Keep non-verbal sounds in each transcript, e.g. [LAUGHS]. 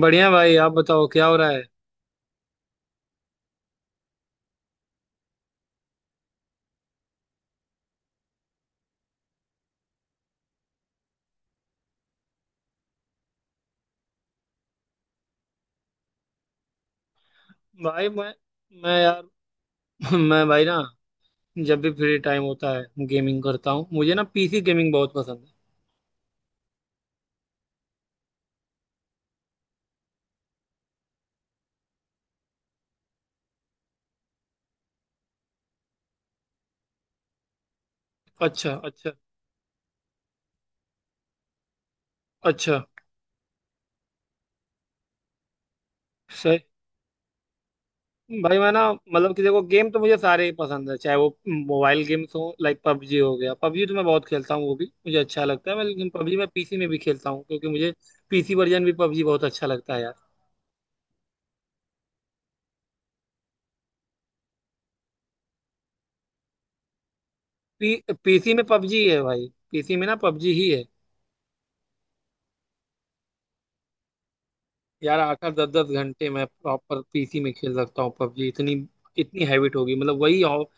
बढ़िया भाई आप बताओ क्या हो रहा है। भाई मैं यार [LAUGHS] मैं भाई ना, जब भी फ्री टाइम होता है गेमिंग करता हूँ। मुझे ना पीसी गेमिंग बहुत पसंद है। अच्छा अच्छा। अच्छा। सही। भाई मैं ना मतलब कि देखो, गेम तो मुझे सारे ही पसंद है, चाहे वो मोबाइल गेम्स हो। लाइक पबजी हो गया, पबजी तो मैं बहुत खेलता हूँ, वो भी मुझे अच्छा लगता है। मैं लेकिन पबजी मैं पीसी में भी खेलता हूँ क्योंकि मुझे पीसी वर्जन भी पबजी बहुत अच्छा लगता है यार। पी पीसी में पबजी है भाई, पीसी में ना पबजी ही है। यार आकर 10-10 घंटे मैं प्रॉपर पीसी में खेल सकता हूँ पबजी, इतनी इतनी हैबिट होगी, मतलब वही हो,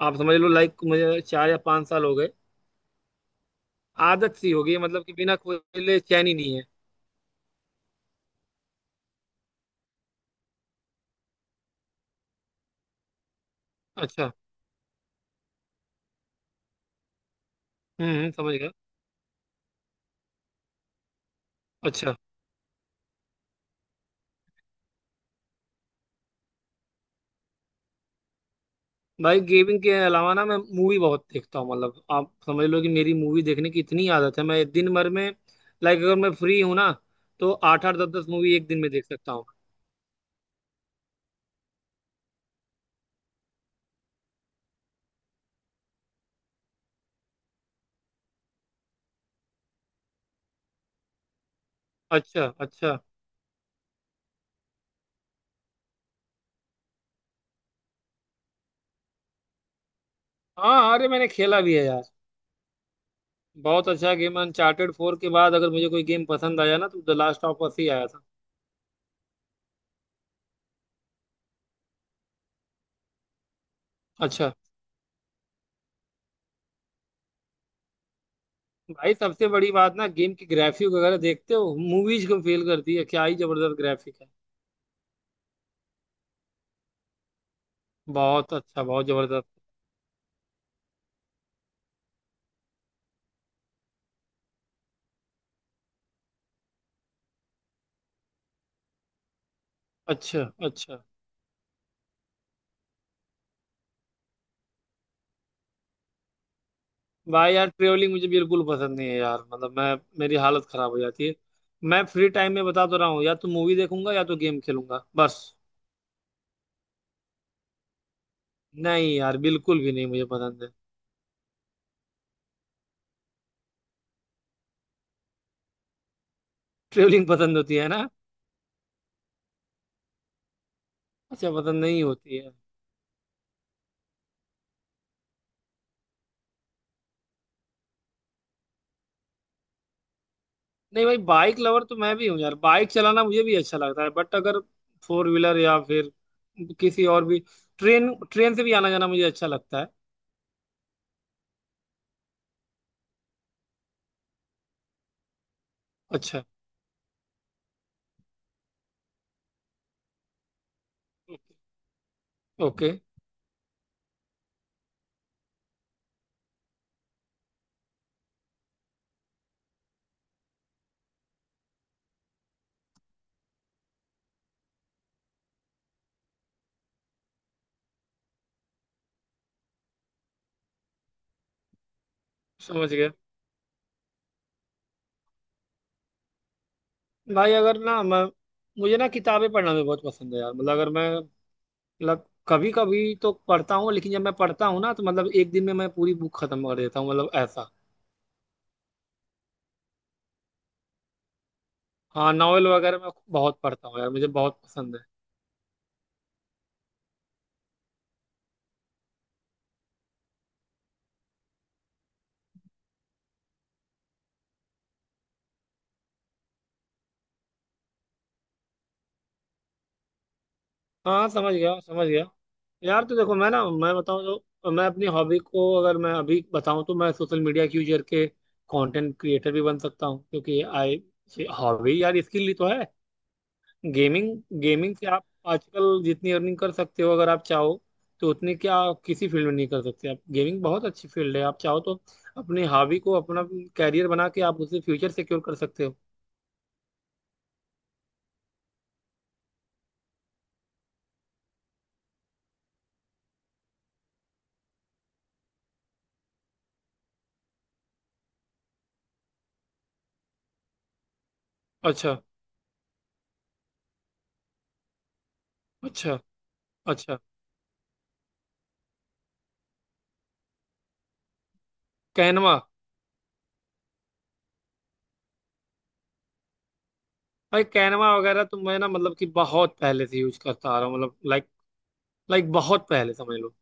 आप समझ लो। लाइक मुझे 4 या 5 साल हो गए, आदत सी हो गई है, मतलब कि बिना खोले चैन ही नहीं है। अच्छा। समझ गया। अच्छा। भाई गेमिंग के अलावा ना मैं मूवी बहुत देखता हूँ, मतलब आप समझ लो कि मेरी मूवी देखने की इतनी आदत है। मैं दिन भर में, लाइक अगर मैं फ्री हूँ ना, तो 8-8 10-10 मूवी एक दिन में देख सकता हूँ। अच्छा अच्छा। हाँ अरे मैंने खेला भी है यार। बहुत अच्छा गेम, अनचार्टेड 4 के बाद अगर मुझे कोई गेम पसंद आया ना तो द लास्ट ऑफ अस ही आया था। अच्छा। भाई सबसे बड़ी बात ना, गेम की ग्राफिक वगैरह देखते हो, मूवीज को फेल करती है, क्या ही जबरदस्त ग्राफिक है। बहुत अच्छा, बहुत जबरदस्त। अच्छा अच्छा। भाई यार ट्रेवलिंग मुझे बिल्कुल पसंद नहीं है यार, मतलब मैं, मेरी हालत खराब हो जाती है। मैं फ्री टाइम में बता तो रहा हूँ, या तो मूवी देखूंगा या तो गेम खेलूंगा बस। नहीं यार बिल्कुल भी नहीं मुझे पसंद है। ट्रेवलिंग पसंद होती है ना। अच्छा, पसंद नहीं होती है। नहीं भाई, बाइक लवर तो मैं भी हूँ यार, बाइक चलाना मुझे भी अच्छा लगता है, बट अगर फोर व्हीलर या फिर किसी और भी, ट्रेन ट्रेन से भी आना जाना मुझे अच्छा लगता है। अच्छा। ओके। समझ गया। भाई अगर ना मैं, मुझे ना किताबें पढ़ना भी बहुत पसंद है यार, मतलब अगर मैं, मतलब कभी कभी तो पढ़ता हूँ, लेकिन जब मैं पढ़ता हूँ ना तो मतलब एक दिन में मैं पूरी बुक खत्म कर देता हूँ, मतलब ऐसा। हाँ नॉवेल वगैरह मैं बहुत पढ़ता हूँ यार, मुझे बहुत पसंद है। हाँ समझ गया समझ गया। यार तो देखो, मैं ना, मैं बताऊं तो, मैं अपनी हॉबी को अगर मैं अभी बताऊं, तो मैं सोशल मीडिया के यूजर के कंटेंट क्रिएटर भी बन सकता हूं क्योंकि आई हॉबी यार इसके लिए तो है, गेमिंग। गेमिंग से आप आजकल जितनी अर्निंग कर सकते हो अगर आप चाहो, तो उतनी क्या किसी फील्ड में नहीं कर सकते। आप गेमिंग बहुत अच्छी फील्ड है, आप चाहो तो अपनी हॉबी को अपना कैरियर बना के आप उसे फ्यूचर सिक्योर कर सकते हो। अच्छा अच्छा। अच्छा। कैनवा। भाई कैनवा वगैरह तो मैं ना मतलब कि बहुत पहले से यूज करता आ रहा हूँ, मतलब लाइक लाइक बहुत पहले समझ लो।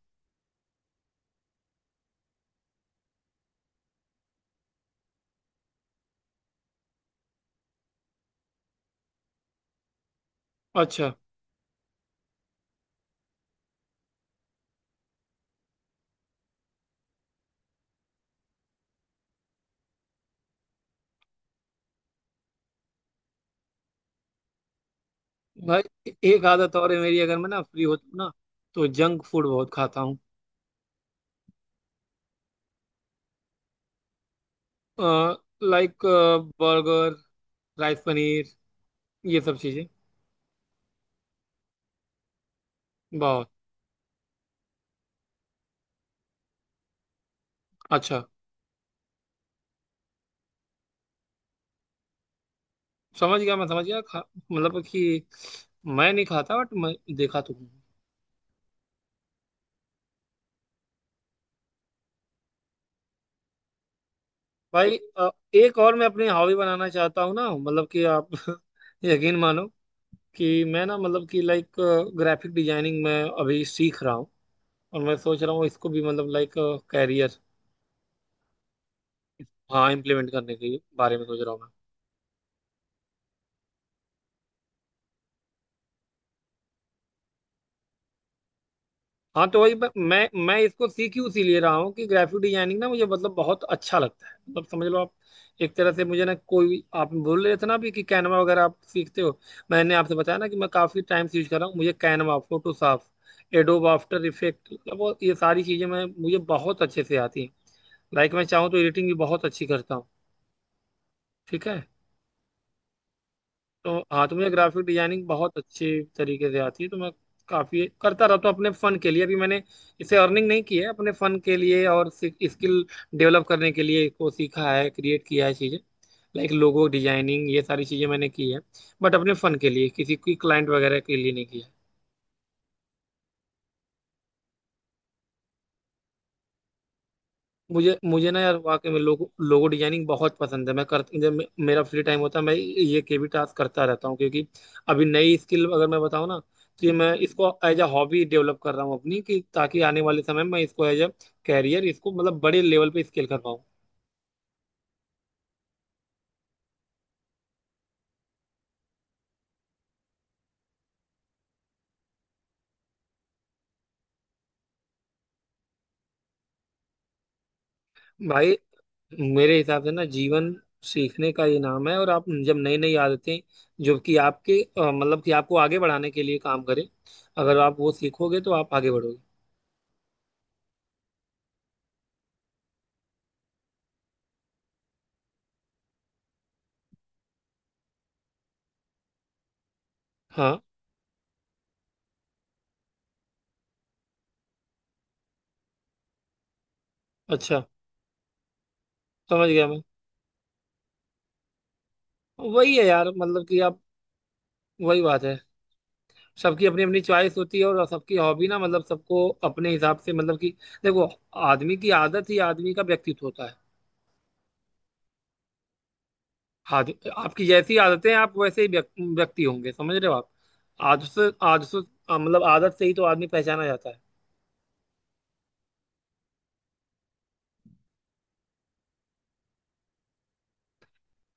अच्छा। भाई एक आदत और है मेरी, अगर मैं ना फ्री होता हूँ ना, तो जंक फूड बहुत खाता हूँ। लाइक बर्गर, राइस, पनीर, ये सब चीजें। बहुत। अच्छा। समझ गया मैं, समझ गया। खा मतलब कि मैं नहीं खाता बट मैं देखा तो हूँ। भाई एक और मैं अपनी हॉबी बनाना चाहता हूँ ना, मतलब कि आप [LAUGHS] यकीन मानो कि मैं ना मतलब कि लाइक ग्राफिक डिजाइनिंग में अभी सीख रहा हूँ, और मैं सोच रहा हूँ इसको भी मतलब लाइक कैरियर। हाँ इम्प्लीमेंट करने के बारे में सोच रहा हूँ मैं। हाँ तो वही मैं इसको सीख ही उसी लिए रहा हूँ कि ग्राफिक डिजाइनिंग ना मुझे मतलब बहुत अच्छा लगता है, मतलब समझ लो आप, एक तरह से मुझे ना कोई, आप बोल रहे थे ना अभी कि कैनवा वगैरह आप सीखते हो। मैंने आपसे बताया ना कि मैं काफ़ी टाइम से यूज कर रहा हूँ, मुझे Canva, Photoshop, Adobe After Effect, मतलब ये सारी चीज़ें मैं मुझे बहुत अच्छे से आती हैं। लाइक मैं चाहूँ तो एडिटिंग भी बहुत अच्छी करता हूँ। ठीक है। तो हाँ तो मुझे ग्राफिक डिजाइनिंग बहुत अच्छे तरीके से आती है तो मैं काफ़ी करता रहता हूँ अपने फन के लिए। अभी मैंने इसे अर्निंग नहीं की है, अपने फन के लिए और स्किल डेवलप करने के लिए इसको सीखा है, क्रिएट किया है चीज़ें, लाइक लोगो डिजाइनिंग ये सारी चीज़ें मैंने की है, बट अपने फन के लिए, किसी की क्लाइंट वगैरह के लिए नहीं किया। मुझे मुझे ना यार वाकई में लोगो लोगो डिजाइनिंग बहुत पसंद है। मैं कर, जब मेरा फ्री टाइम होता है मैं ये केवी टास्क करता रहता हूँ, क्योंकि अभी नई स्किल अगर मैं बताऊँ ना तो ये, मैं इसको एज अ हॉबी डेवलप कर रहा हूँ अपनी, कि ताकि आने वाले समय में मैं इसको एज अ कैरियर, इसको मतलब बड़े लेवल पे स्केल कर पाऊँ। भाई मेरे हिसाब से ना जीवन सीखने का ये नाम है, और आप जब नई नई आदतें, जो कि आपके मतलब कि आपको आगे बढ़ाने के लिए काम करें, अगर आप वो सीखोगे तो आप आगे बढ़ोगे। हाँ। अच्छा। समझ गया मैं। वही है यार मतलब कि आप, वही बात है। सबकी अपनी अपनी चॉइस होती है, और सबकी हॉबी ना मतलब सबको अपने हिसाब से मतलब कि, देखो, आदमी की आदत ही आदमी का व्यक्तित्व होता है। आद, आपकी जैसी आदतें हैं, आप वैसे ही व्यक्ति होंगे, समझ रहे हो आप। आदत से मतलब आदत से ही तो आदमी पहचाना जाता है।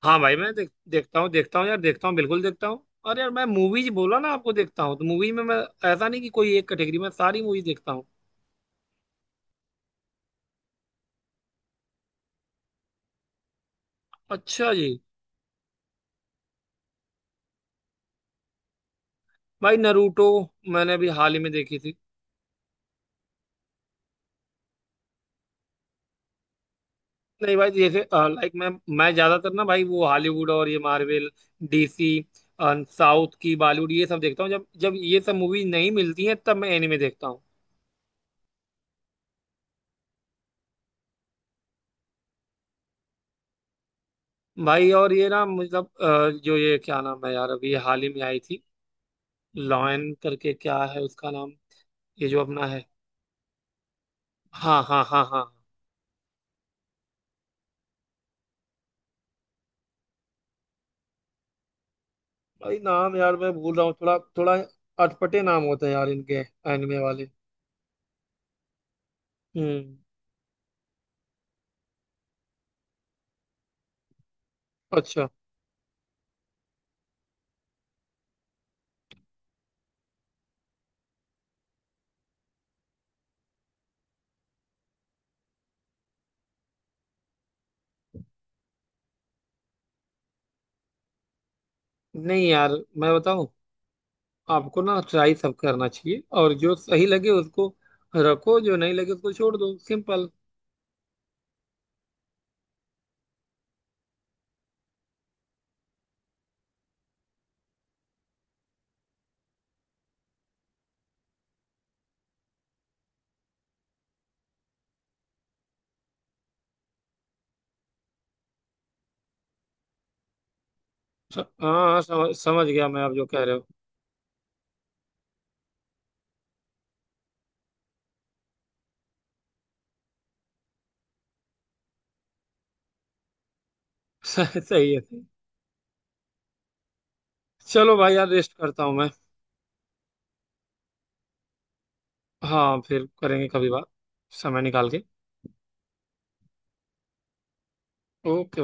हाँ भाई मैं देखता हूँ यार, देखता हूँ बिल्कुल देखता हूँ, और यार मैं मूवीज बोला ना आपको, देखता हूँ तो मूवी में मैं ऐसा नहीं कि कोई एक कैटेगरी में सारी मूवीज देखता हूँ। अच्छा जी। भाई नरूटो मैंने अभी हाल ही में देखी थी। नहीं भाई, जैसे लाइक मैं ज्यादातर ना भाई वो हॉलीवुड और ये मार्वल, डीसी, साउथ की, बॉलीवुड, ये सब देखता हूँ। जब जब ये सब मूवी नहीं मिलती हैं तब मैं एनिमे देखता हूँ। भाई और ये ना मतलब जो ये क्या नाम है यार, अभी ये हाल ही में आई थी, लॉयन करके क्या है उसका नाम, ये जो अपना है। हाँ हाँ हाँ हाँ। भाई नाम यार मैं भूल रहा हूँ थोड़ा थोड़ा। अटपटे नाम होते हैं यार इनके, एनिमे वाले। हम्म। अच्छा। नहीं यार, मैं बताऊँ आपको ना, ट्राई सब करना चाहिए, और जो सही लगे उसको रखो, जो नहीं लगे उसको छोड़ दो, सिंपल। हाँ हाँ, समझ समझ गया मैं, आप जो कह रहे हो। [LAUGHS] सही सही है सही। चलो भाई यार, रेस्ट करता हूँ मैं। हाँ फिर करेंगे कभी बात, समय निकाल के। ओके।